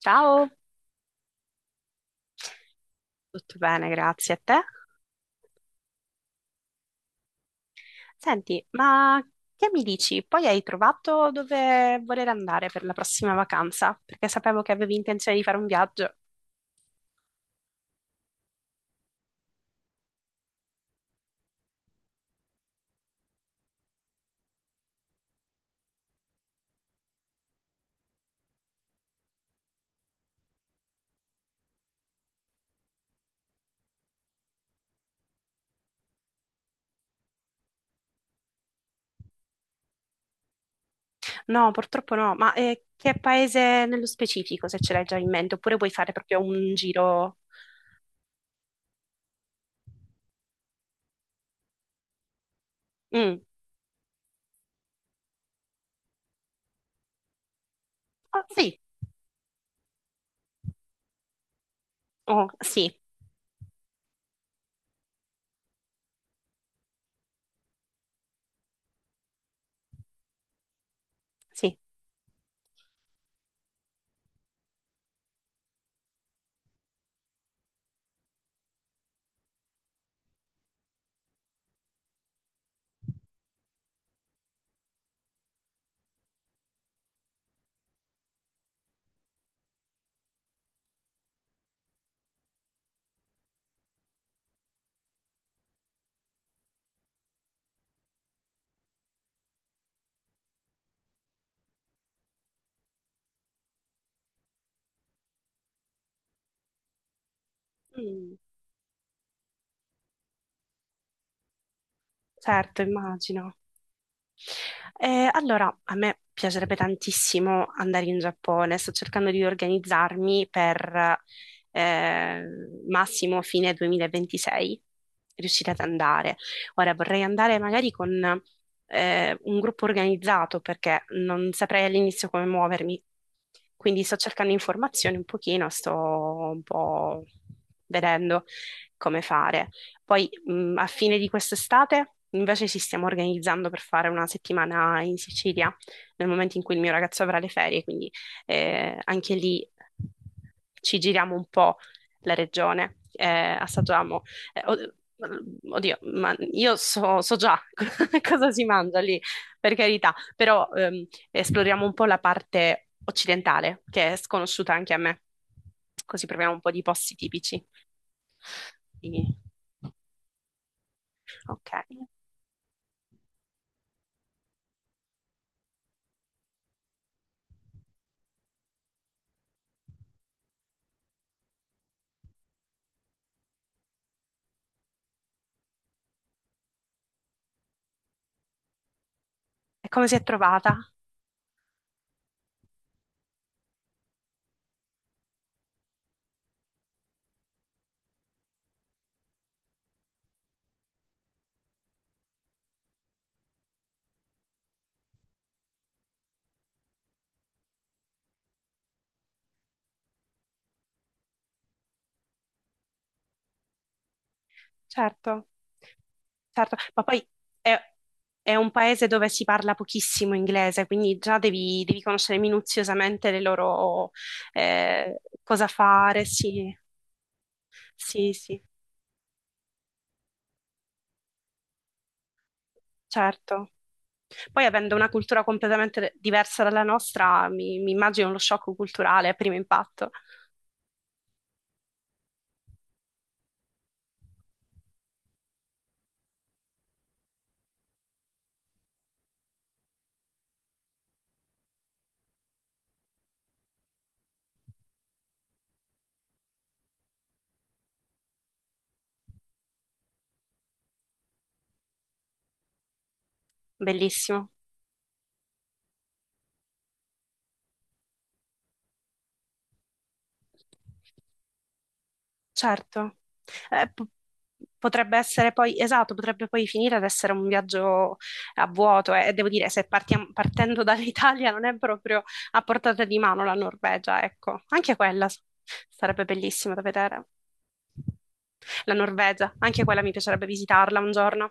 Ciao, tutto bene, grazie a te. Senti, ma che mi dici? Poi hai trovato dove voler andare per la prossima vacanza? Perché sapevo che avevi intenzione di fare un viaggio. No, purtroppo no, ma che paese nello specifico, se ce l'hai già in mente? Oppure vuoi fare proprio un giro? Mm. Oh, sì, oh, sì, sì. Mm, certo, immagino. Allora, a me piacerebbe tantissimo andare in Giappone, sto cercando di organizzarmi per eh, massimo fine 2026, riuscire ad andare. Ora vorrei andare magari con un gruppo organizzato perché non saprei all'inizio come muovermi, quindi sto cercando informazioni un pochino, sto un po' vedendo come fare. Poi a fine di quest'estate invece ci stiamo organizzando per fare una settimana in Sicilia, nel momento in cui il mio ragazzo avrà le ferie, quindi anche lì ci giriamo un po' la regione, assaggiamo. eh, od- Oddio, ma io so già cosa si mangia lì, per carità, però esploriamo un po' la parte occidentale, che è sconosciuta anche a me, così proviamo un po' di posti tipici. Quindi, ok. E come si è trovata? Certo, certo, ma poi è, è un paese dove si parla pochissimo inglese, quindi già devi conoscere minuziosamente le loro cosa fare, sì, sì, sì, certo. Poi avendo una cultura completamente diversa dalla nostra, mi immagino lo shock culturale a primo impatto. Bellissimo. Certo. Eh, p- Potrebbe essere poi, esatto, potrebbe poi finire ad essere un viaggio a vuoto e devo dire, se partendo dall'Italia non è proprio a portata di mano la Norvegia, ecco, anche quella sarebbe bellissima da vedere. La Norvegia, anche quella mi piacerebbe visitarla un giorno.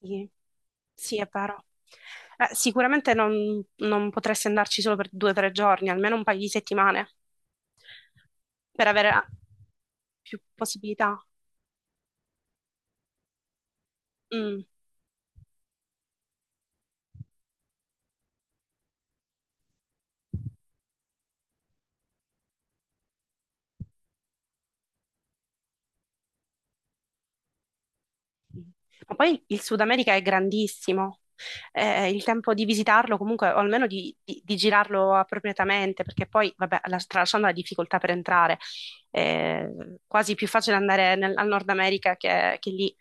Sì, sì, è vero. Sicuramente non potresti andarci solo per due o tre giorni, almeno un paio di settimane, per avere più possibilità. Mm. Ma poi il Sud America è grandissimo. Il tempo di visitarlo comunque, o almeno di girarlo appropriatamente, perché poi, vabbè, tralasciando la difficoltà per entrare, è quasi più facile andare al Nord America che lì.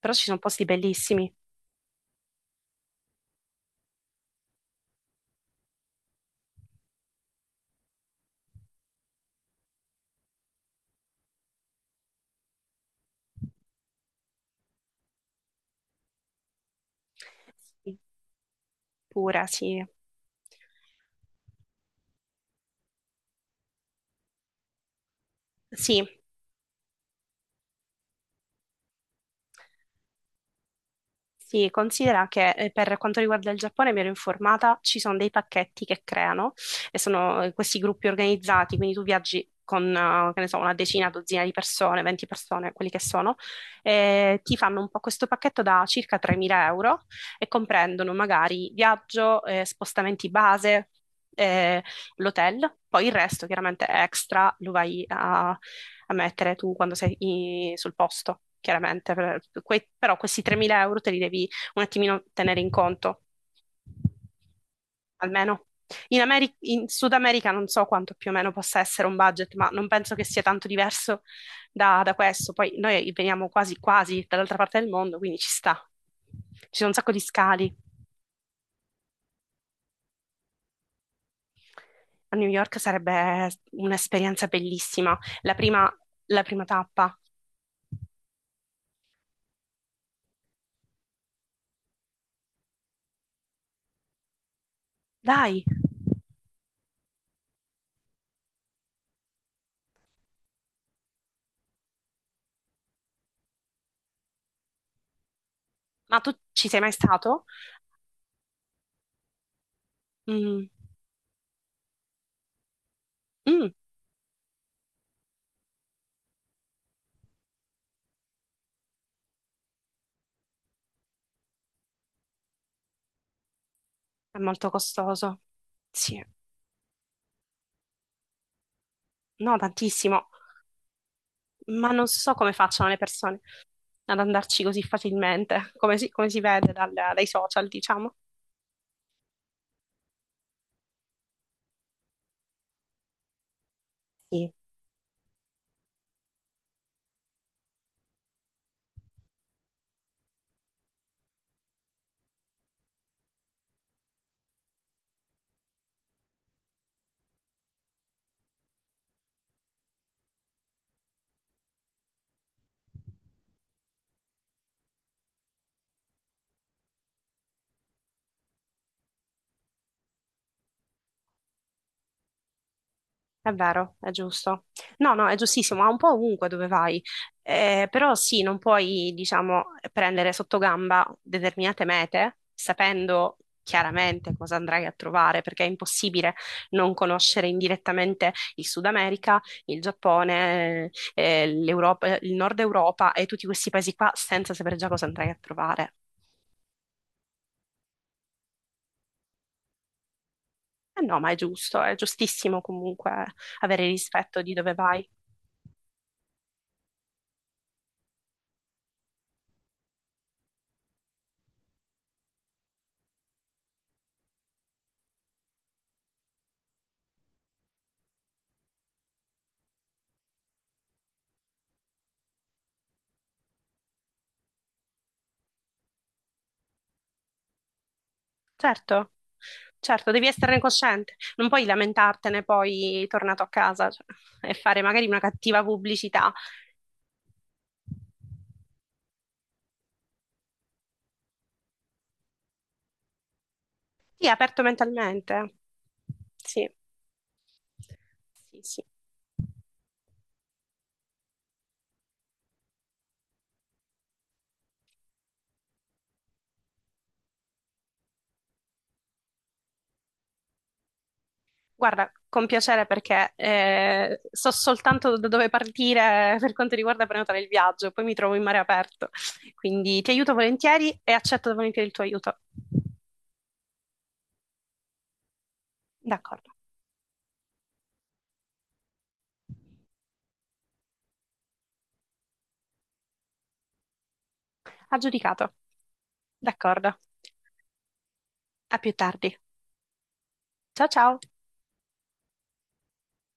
Però ci sono posti bellissimi. Sì, pura, sì. Sì, sì, considera che per quanto riguarda il Giappone mi ero informata, ci sono dei pacchetti che creano e sono questi gruppi organizzati, quindi tu viaggi con, che ne so, una decina, dozzina di persone, 20 persone, quelli che sono, e ti fanno un po' questo pacchetto da circa 3.000 euro e comprendono magari viaggio, spostamenti base, eh, l'hotel, poi il resto chiaramente extra lo vai a mettere tu quando sei sul posto, chiaramente. Però questi 3.000 euro te li devi un attimino tenere in conto, almeno. In Sud America non so quanto più o meno possa essere un budget, ma non penso che sia tanto diverso da questo. Poi noi veniamo quasi quasi dall'altra parte del mondo, quindi ci sta. Ci sono un sacco di scali. A New York sarebbe un'esperienza bellissima. La prima, la prima tappa. Dai! Ma tu ci sei mai stato? Mm, mm, è molto costoso. Sì, no, tantissimo. Ma non so come facciano le persone ad andarci così facilmente, come come si vede dai social, diciamo. È vero, è giusto. No, no, è giustissimo, ma un po' ovunque dove vai. Però sì, non puoi, diciamo, prendere sotto gamba determinate mete sapendo chiaramente cosa andrai a trovare, perché è impossibile non conoscere indirettamente il Sud America, il Giappone, l'Europa, il Nord Europa e tutti questi paesi qua senza sapere già cosa andrai a trovare. Eh no, ma è giusto, è giustissimo comunque avere rispetto di dove vai. Certo, certo, devi esserne cosciente, non puoi lamentartene poi tornato a casa, cioè, e fare magari una cattiva pubblicità. Sì, aperto mentalmente. Sì, sì, sì. Guarda, con piacere perché so soltanto da dove partire per quanto riguarda prenotare il viaggio, poi mi trovo in mare aperto. Quindi ti aiuto volentieri e accetto volentieri il tuo aiuto. D'accordo, aggiudicato. D'accordo. A più tardi. Ciao ciao.